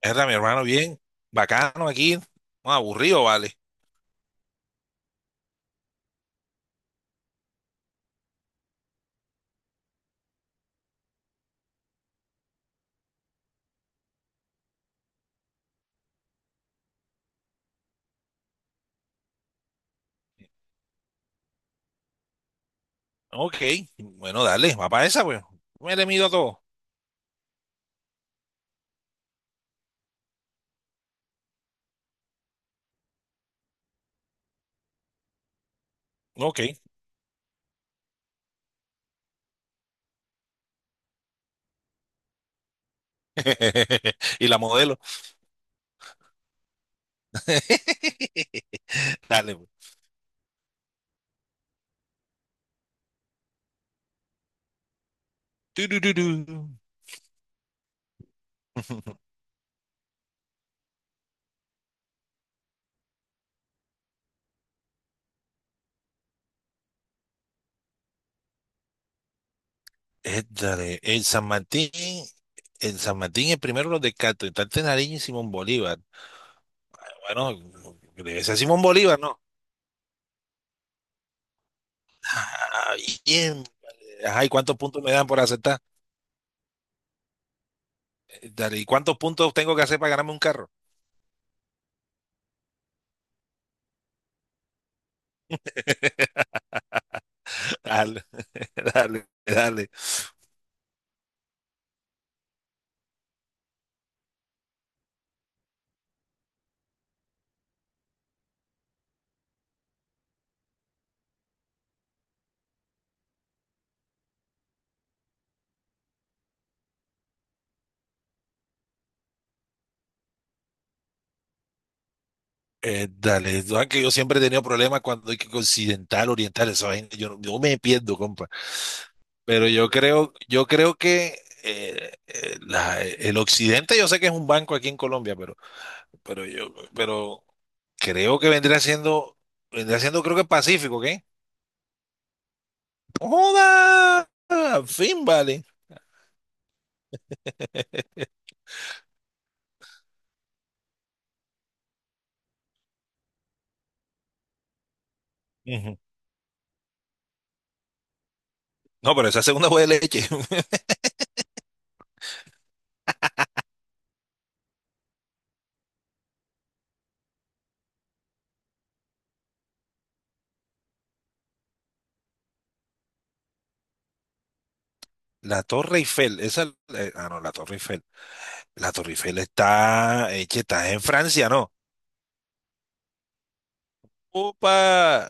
Era mi hermano, bien, bacano aquí, no, aburrido, vale. Ok, bueno, dale, va para esa, pues. Me le mido a todo. Ok. Y la modelo. Dale, pues. Tururú. Dale, el San Martín es primero los de Cantante Nariño y Simón Bolívar. Bueno, debe ser Simón Bolívar, ¿no? Ah, bien. Ajá, ¿y cuántos puntos me dan por aceptar? Dale, ¿y cuántos puntos tengo que hacer para ganarme un carro? Dale, dale, dale, dale. Tú sabes que yo siempre he tenido problemas cuando hay que occidental, oriental, esa vaina, yo, no- yo me pierdo, compa. Pero yo creo que el occidente, yo sé que es un banco aquí en Colombia, pero creo que vendría siendo, creo que Pacífico, ¿qué? No, ¡joda! Al fin, vale. Ujú. No, pero esa segunda fue de leche. La Torre Eiffel, esa, no, la Torre Eiffel. La Torre Eiffel está, che, está en Francia, ¿no? ¡Opa!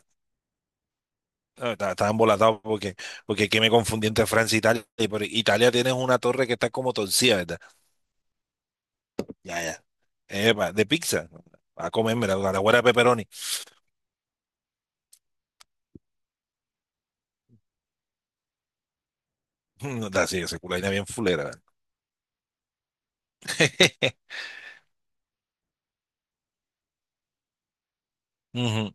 No, Estaba embolatado porque es que me confundí entre Francia e Italia. Italia tienes una torre que está como torcida, ¿verdad? Ya, ya. Epa, de pizza. A comerme la guarda de pepperoni. No, está así, esa culaina bien fulera. ¿Verdad? Ujú.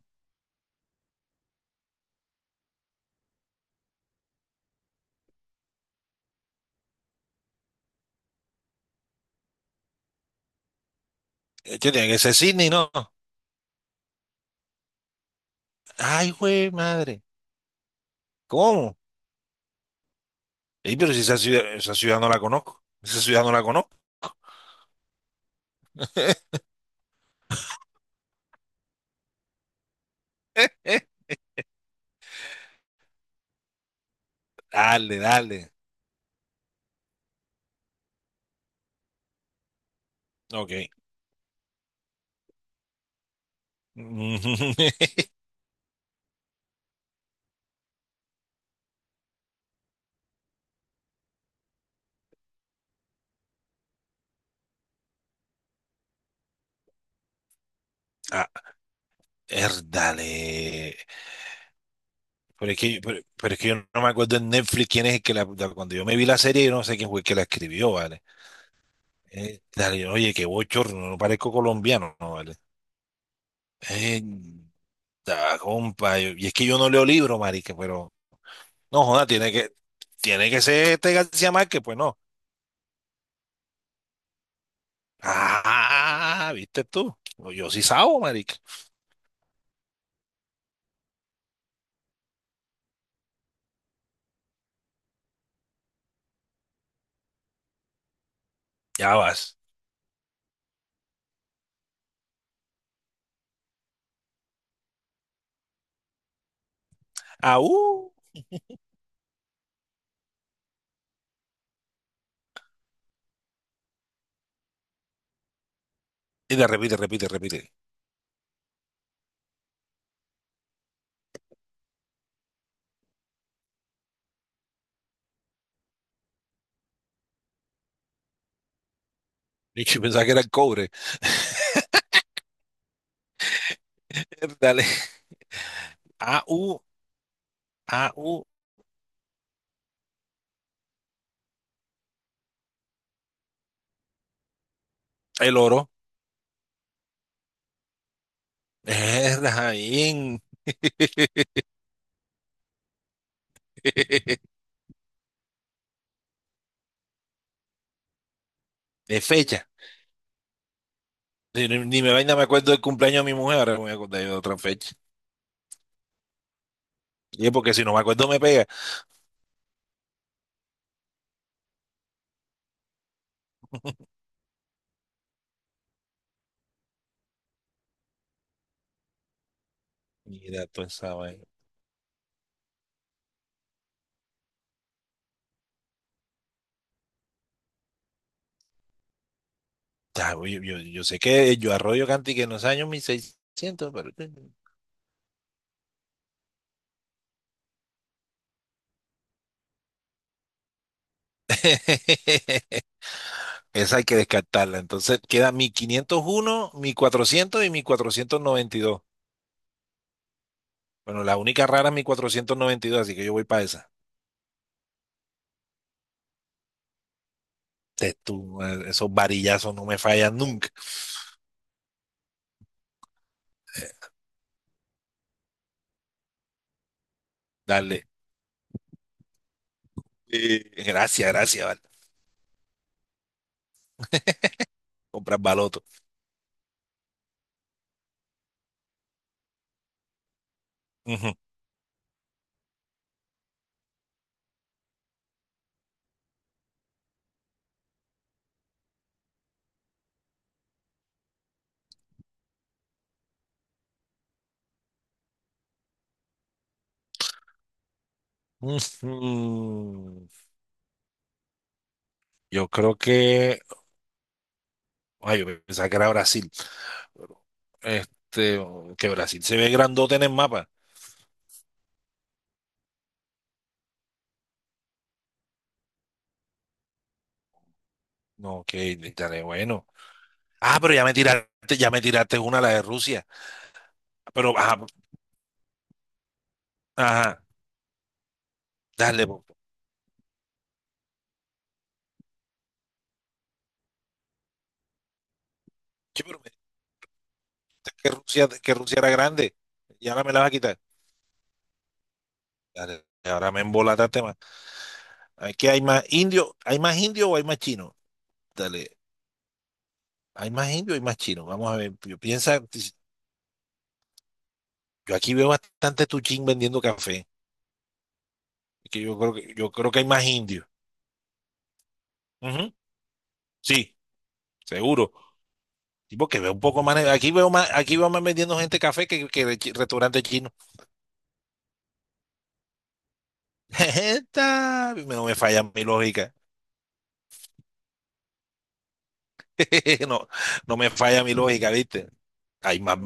Che, tiene que ser Sydney, ¿no? Ay, güey, madre. ¿Cómo? Ey, pero si esa ciudad, esa ciudad no la conozco. Esa ciudad no la conozco. Dale, dale. Ok. Ah, erdale. Pero es que yo no me acuerdo en Netflix quién es el que cuando yo me vi la serie, yo no sé quién fue el que la escribió, ¿vale? Dale, oye, qué bochorno, no parezco colombiano, ¿no, vale? Eh, Da, compa, y es que yo no leo libros, marica, pero no, joda, tiene que ser este García Márquez, pues no. Ah, ¿viste tú? No, yo sí sabo, marica. Ya vas. Ah. Y de repite, repite, repite. Y yo pensaba que era el cobre. Dale. Au au. El oro. Erda, bien. De fecha. Ni me vaina me acuerdo del cumpleaños de mi mujer, ahora me voy a acordar yo de otra fecha. Y es porque si no me acuerdo me pega. Mira, tú esa vaina. Ya, yo sé que yo arroyo canti que en los años 1600, pero. Esa hay que descartarla. Entonces queda mi 501, mi 400 y mi 492. Bueno, la única rara es mi 492, así que yo voy para esa. Tú, esos varillazos no me fallan nunca. Dale. Gracias, gracias, vale. Comprar baloto. Ujú. Ujú. Yo creo que. Ay, yo pensaba que era Brasil. Este, que Brasil se ve grandote en el mapa. No, que estaré bueno. Ah, pero ya me tiraste una, la de Rusia. Pero, ajá, ajá, dale, po. Che, pero me dijiste que Rusia era grande. Y ahora me la vas a quitar. Dale, ahora me embolataste más. Aquí ¿hay más indio o hay más chino? Dale, ¿hay más indio o hay más chino? Vamos a ver, pi- piensa, si Yo aquí veo bastante Tuchín vendiendo café. Es que yo creo que hay más indios. Ujú. Sí, seguro. Tipo que veo un poco más. Aquí veo más, aquí veo más vendiendo gente café que de restaurante chino. No me falla mi lógica. No, no me falla mi lógica, ¿viste? Hay más,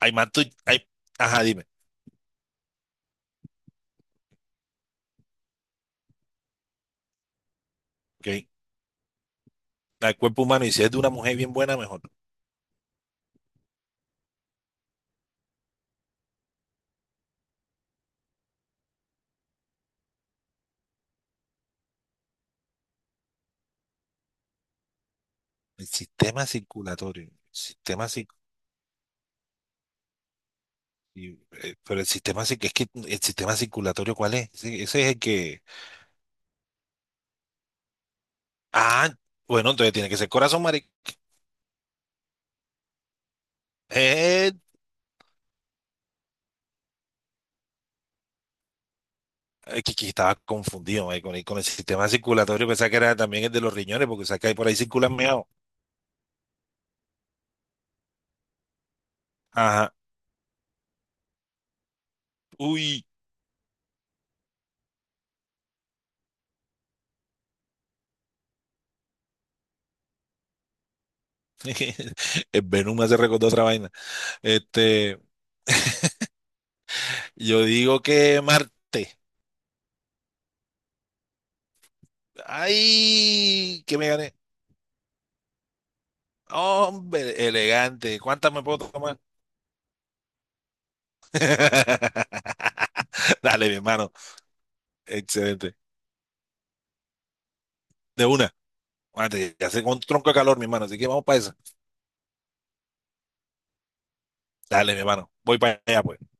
hay más tu- hay- ajá, dime. Okay. El cuerpo humano, y si es de una mujer bien buena, mejor. El sistema circulatorio. El Sistema cir- y, Pero el sistema, es que el sistema circulatorio, ¿cuál es? Ese es el que. Ah, bueno, entonces tiene que ser corazón, marica. Eh, que estaba confundido, con el sistema circulatorio, pensaba que era también el de los riñones, porque sabes que ahí por ahí circulan meado. Ajá. Uy. El Venom me hace recordar otra vaina. Este, yo digo que Marte. Ay, que me gané. Hombre, elegante. ¿Cuántas me puedo tomar? Dale, mi hermano. Excelente. De una. Mate, ya hace un tronco de calor, mi hermano. Así que vamos para esa. Dale, mi hermano. Voy para allá, pues.